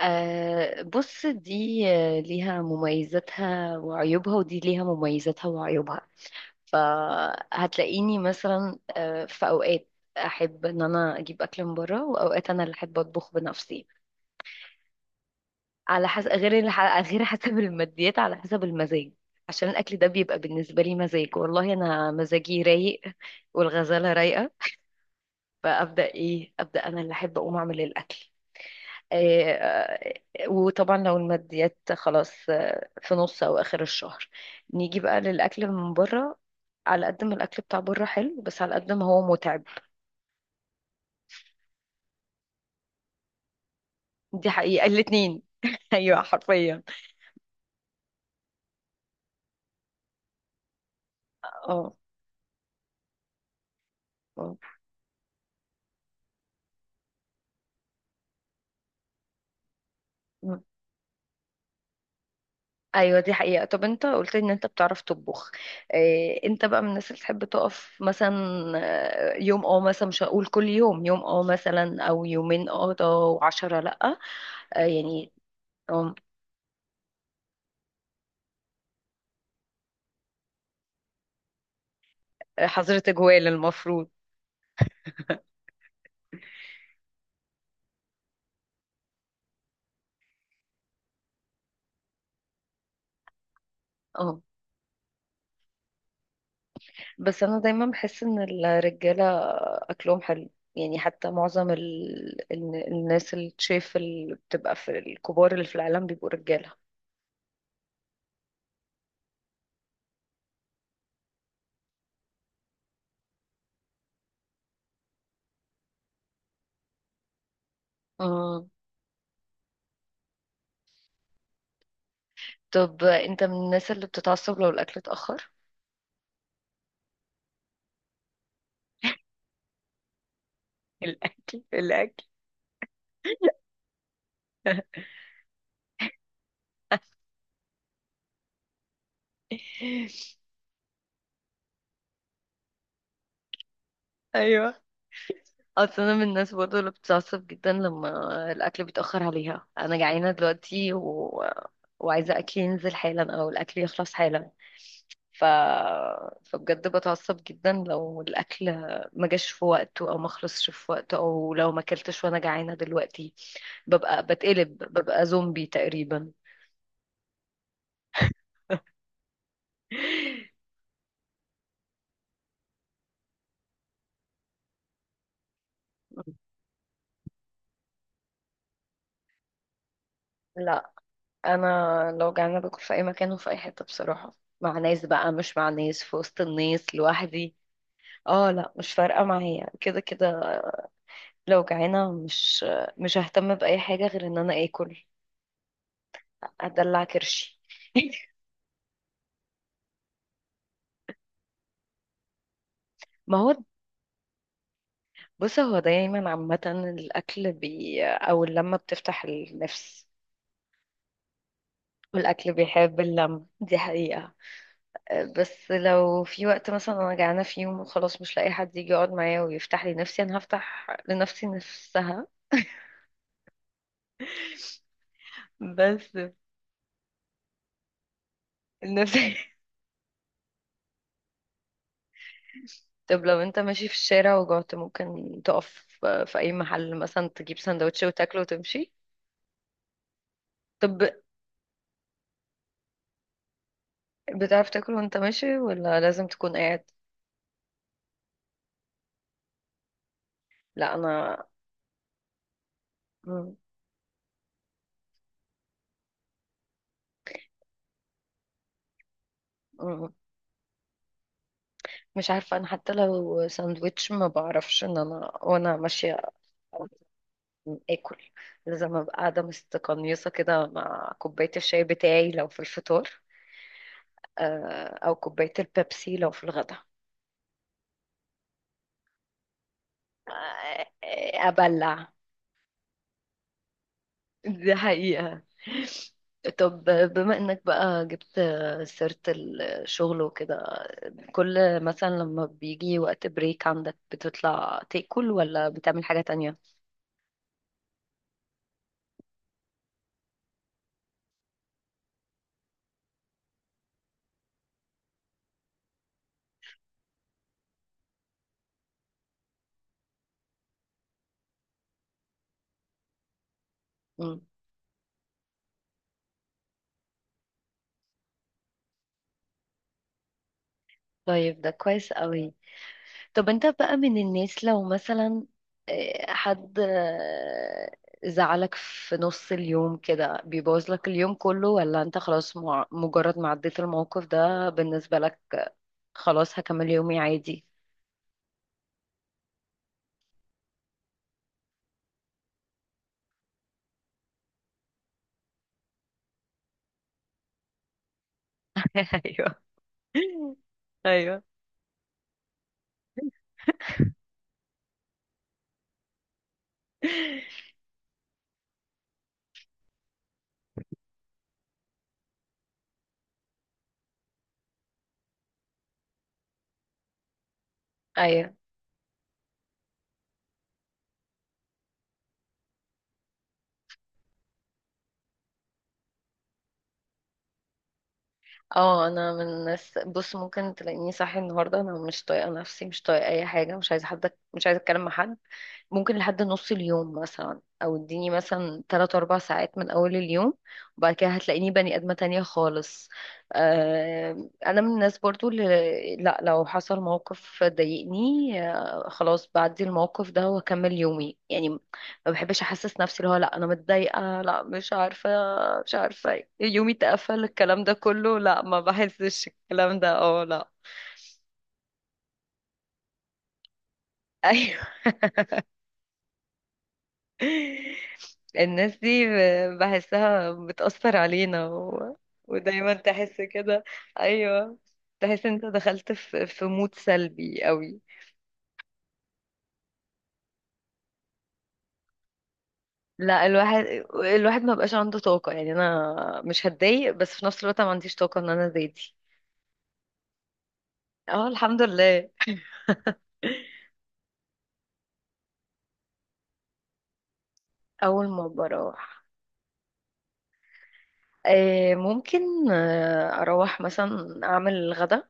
بص، دي ليها مميزاتها وعيوبها، ودي ليها مميزاتها وعيوبها. فهتلاقيني مثلا في اوقات احب ان انا اجيب اكل من بره، واوقات انا اللي احب اطبخ بنفسي. على حسب غير اللي غير حسب الماديات، على حسب المزاج. عشان الاكل ده بيبقى بالنسبه لي مزاج. والله انا مزاجي رايق، والغزاله رايقه، فابدا ايه ابدا انا اللي احب اقوم اعمل الاكل. وطبعا لو الماديات خلاص، في نص او اخر الشهر، نيجي بقى للاكل من بره. على قد ما الاكل بتاع بره حلو، بس على قد ما هو متعب. دي حقيقة، الاتنين ايوه، حرفيا. اه. آه. مم. ايوه. دي حقيقة. طب انت قلت ان انت بتعرف تطبخ؟ إيه، انت بقى من الناس اللي تحب تقف مثلا يوم مثلا، مش هقول كل يوم، يوم مثلا او يومين ده، وعشرة لأ. آه، يعني آه، حظر تجوال المفروض. اه، بس انا دايما بحس ان الرجاله اكلهم حلو، يعني حتى معظم الناس الشيف اللي بتبقى في الكبار اللي في العالم بيبقوا رجاله. اه، طب انت من الناس اللي بتتعصب لو الاكل اتاخر؟ الاكل، الاكل ايوه. اصل انا من الناس برضه اللي بتتعصب جدا لما الاكل بيتاخر عليها. انا جعانه دلوقتي وعايزه اكلي ينزل حالا، او الاكل يخلص حالا. ف... فبجد بتعصب جدا لو الاكل ما جاش في وقته، او ما خلصش في وقته، او لو ما اكلتش وانا جعانه دلوقتي. ببقى بتقلب، ببقى زومبي تقريبا. لا، انا لو جعانه باكل في اي مكان وفي اي حته، بصراحه. مع ناس بقى، مش مع ناس في وسط الناس، لوحدي. اه لا، مش فارقه معايا كده كده. لو جعانه مش ههتم باي حاجه غير ان انا اكل، ادلع كرشي. ما هو، بص، هو دايما عامة الأكل بي أو اللمة بتفتح النفس. والأكل بيحب اللمة، دي حقيقة. بس لو في وقت مثلا أنا جعانة في يوم وخلاص مش لاقي حد يجي يقعد معايا ويفتح لي نفسي، أنا هفتح لنفسي نفسها. بس نفسي. طب لو أنت ماشي في الشارع وجعت، ممكن تقف في أي محل مثلا تجيب سندوتش وتاكله وتمشي؟ طب بتعرف تاكل وأنت ماشي، ولا لازم تكون قاعد؟ لا، أنا مش عارفة. أنا حتى لو ساندويتش، ما بعرفش إن أنا وأنا ماشية آكل. لازم أبقى قاعدة مستقنيصة كده، مع كوباية الشاي بتاعي لو في الفطار، أو كوباية البيبسي لو في الغدا، آه، أبلع. دي حقيقة. طب بما إنك بقى جبت سيرة الشغل وكده، كل مثلا لما بيجي وقت بريك عندك، بتطلع تاكل ولا بتعمل حاجة تانية؟ مم. طيب، ده كويس قوي. طب انت بقى من الناس لو مثلا حد زعلك في نص اليوم كده بيبوظ لك اليوم كله، ولا انت خلاص مجرد ما عديت الموقف ده بالنسبة لك خلاص هكمل يومي عادي؟ ايوه، ايوه، ايوه. اه، انا من الناس، بص، ممكن تلاقيني صاحي النهارده انا مش طايقه نفسي، مش طايقه اي حاجه، مش عايزه حد، مش عايزه اتكلم مع حد. ممكن لحد نص اليوم مثلا، او اديني مثلا 3 4 ساعات من اول اليوم، وبعد كده هتلاقيني بني ادمة تانية خالص. انا من الناس برضو اللي، لا، لو حصل موقف ضايقني، خلاص بعدي الموقف ده واكمل يومي يعني. ما بحبش احسس نفسي اللي هو لا انا متضايقة، لا مش عارفة، مش عارفة يومي اتقفل، الكلام ده كله لا، ما بحسش الكلام ده. اه، لا. ايوه. الناس دي بحسها بتأثر علينا ودايما تحس كده. ايوه، تحس انت دخلت في مود سلبي قوي. لا، الواحد ما بقاش عنده طاقة يعني. انا مش هتضايق بس في نفس الوقت أنا ما عنديش طاقة ان انا زي دي. اه، الحمد لله. اول ما بروح، ممكن اروح مثلا اعمل الغدا.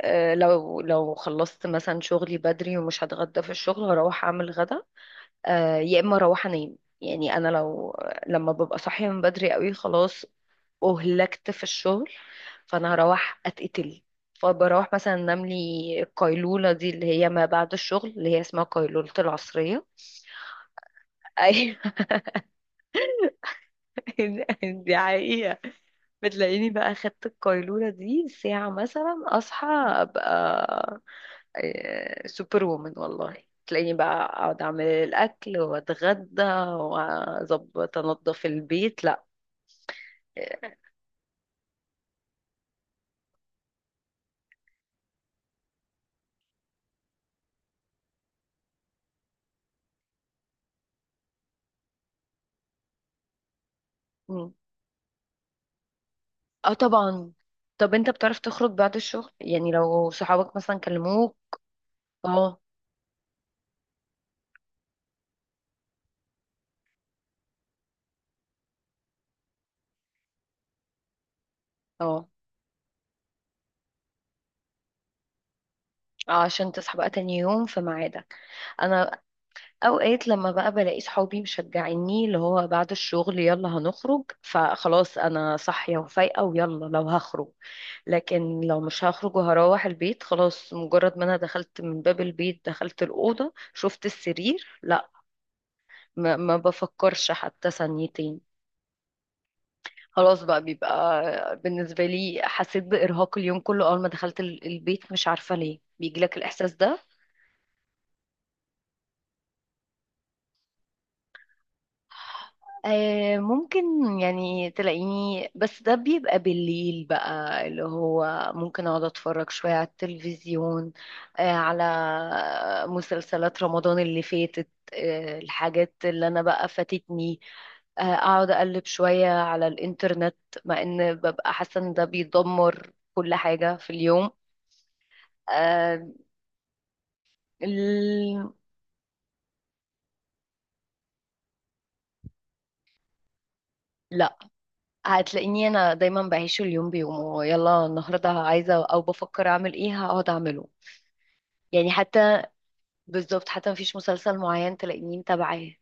لو خلصت مثلا شغلي بدري ومش هتغدى في الشغل، هروح اعمل غدا. يا اما اروح انام. يعني انا لما ببقى صاحيه من بدري قوي، خلاص اهلكت في الشغل، فانا هروح اتقتل. فبروح مثلا انام لي القيلوله دي اللي هي ما بعد الشغل، اللي هي اسمها قيلوله العصريه. ايوه. دي حقيقه. بتلاقيني بقى خدت القيلوله دي ساعه مثلا، اصحى ابقى سوبر وومن والله. تلاقيني بقى اقعد اعمل الاكل واتغدى واظبط انضف البيت. مم. اه، طبعا. طب انت بتعرف تخرج بعد الشغل، يعني لو صحابك مثلا كلموك؟ اه، اه، اه. عشان تصحى بقى تاني يوم في ميعادك. انا اوقات لما بقى بلاقي صحابي مشجعيني اللي هو بعد الشغل يلا هنخرج، فخلاص انا صاحية وفايقة ويلا لو هخرج. لكن لو مش هخرج وهروح البيت، خلاص مجرد ما انا دخلت من باب البيت، دخلت الأوضة، شفت السرير، لا، ما بفكرش حتى ثانيتين. خلاص بقى بيبقى بالنسبة لي حسيت بإرهاق اليوم كله أول ما دخلت البيت. مش عارفة ليه بيجيلك الإحساس ده. آه، ممكن. يعني تلاقيني، بس ده بيبقى بالليل بقى اللي هو ممكن أقعد أتفرج شوية على التلفزيون على مسلسلات رمضان اللي فاتت، الحاجات اللي أنا بقى فاتتني، أقعد أقلب شوية على الإنترنت. مع إن ببقى حاسة إن ده بيدمر كل حاجة في اليوم. أه... ال- لا، هتلاقيني انا دايما بعيش اليوم بيومه، يلا النهارده عايزه او بفكر اعمل ايه هقعد اعمله. يعني حتى، بالظبط، حتى مفيش مسلسل معين تلاقيني متابعاه.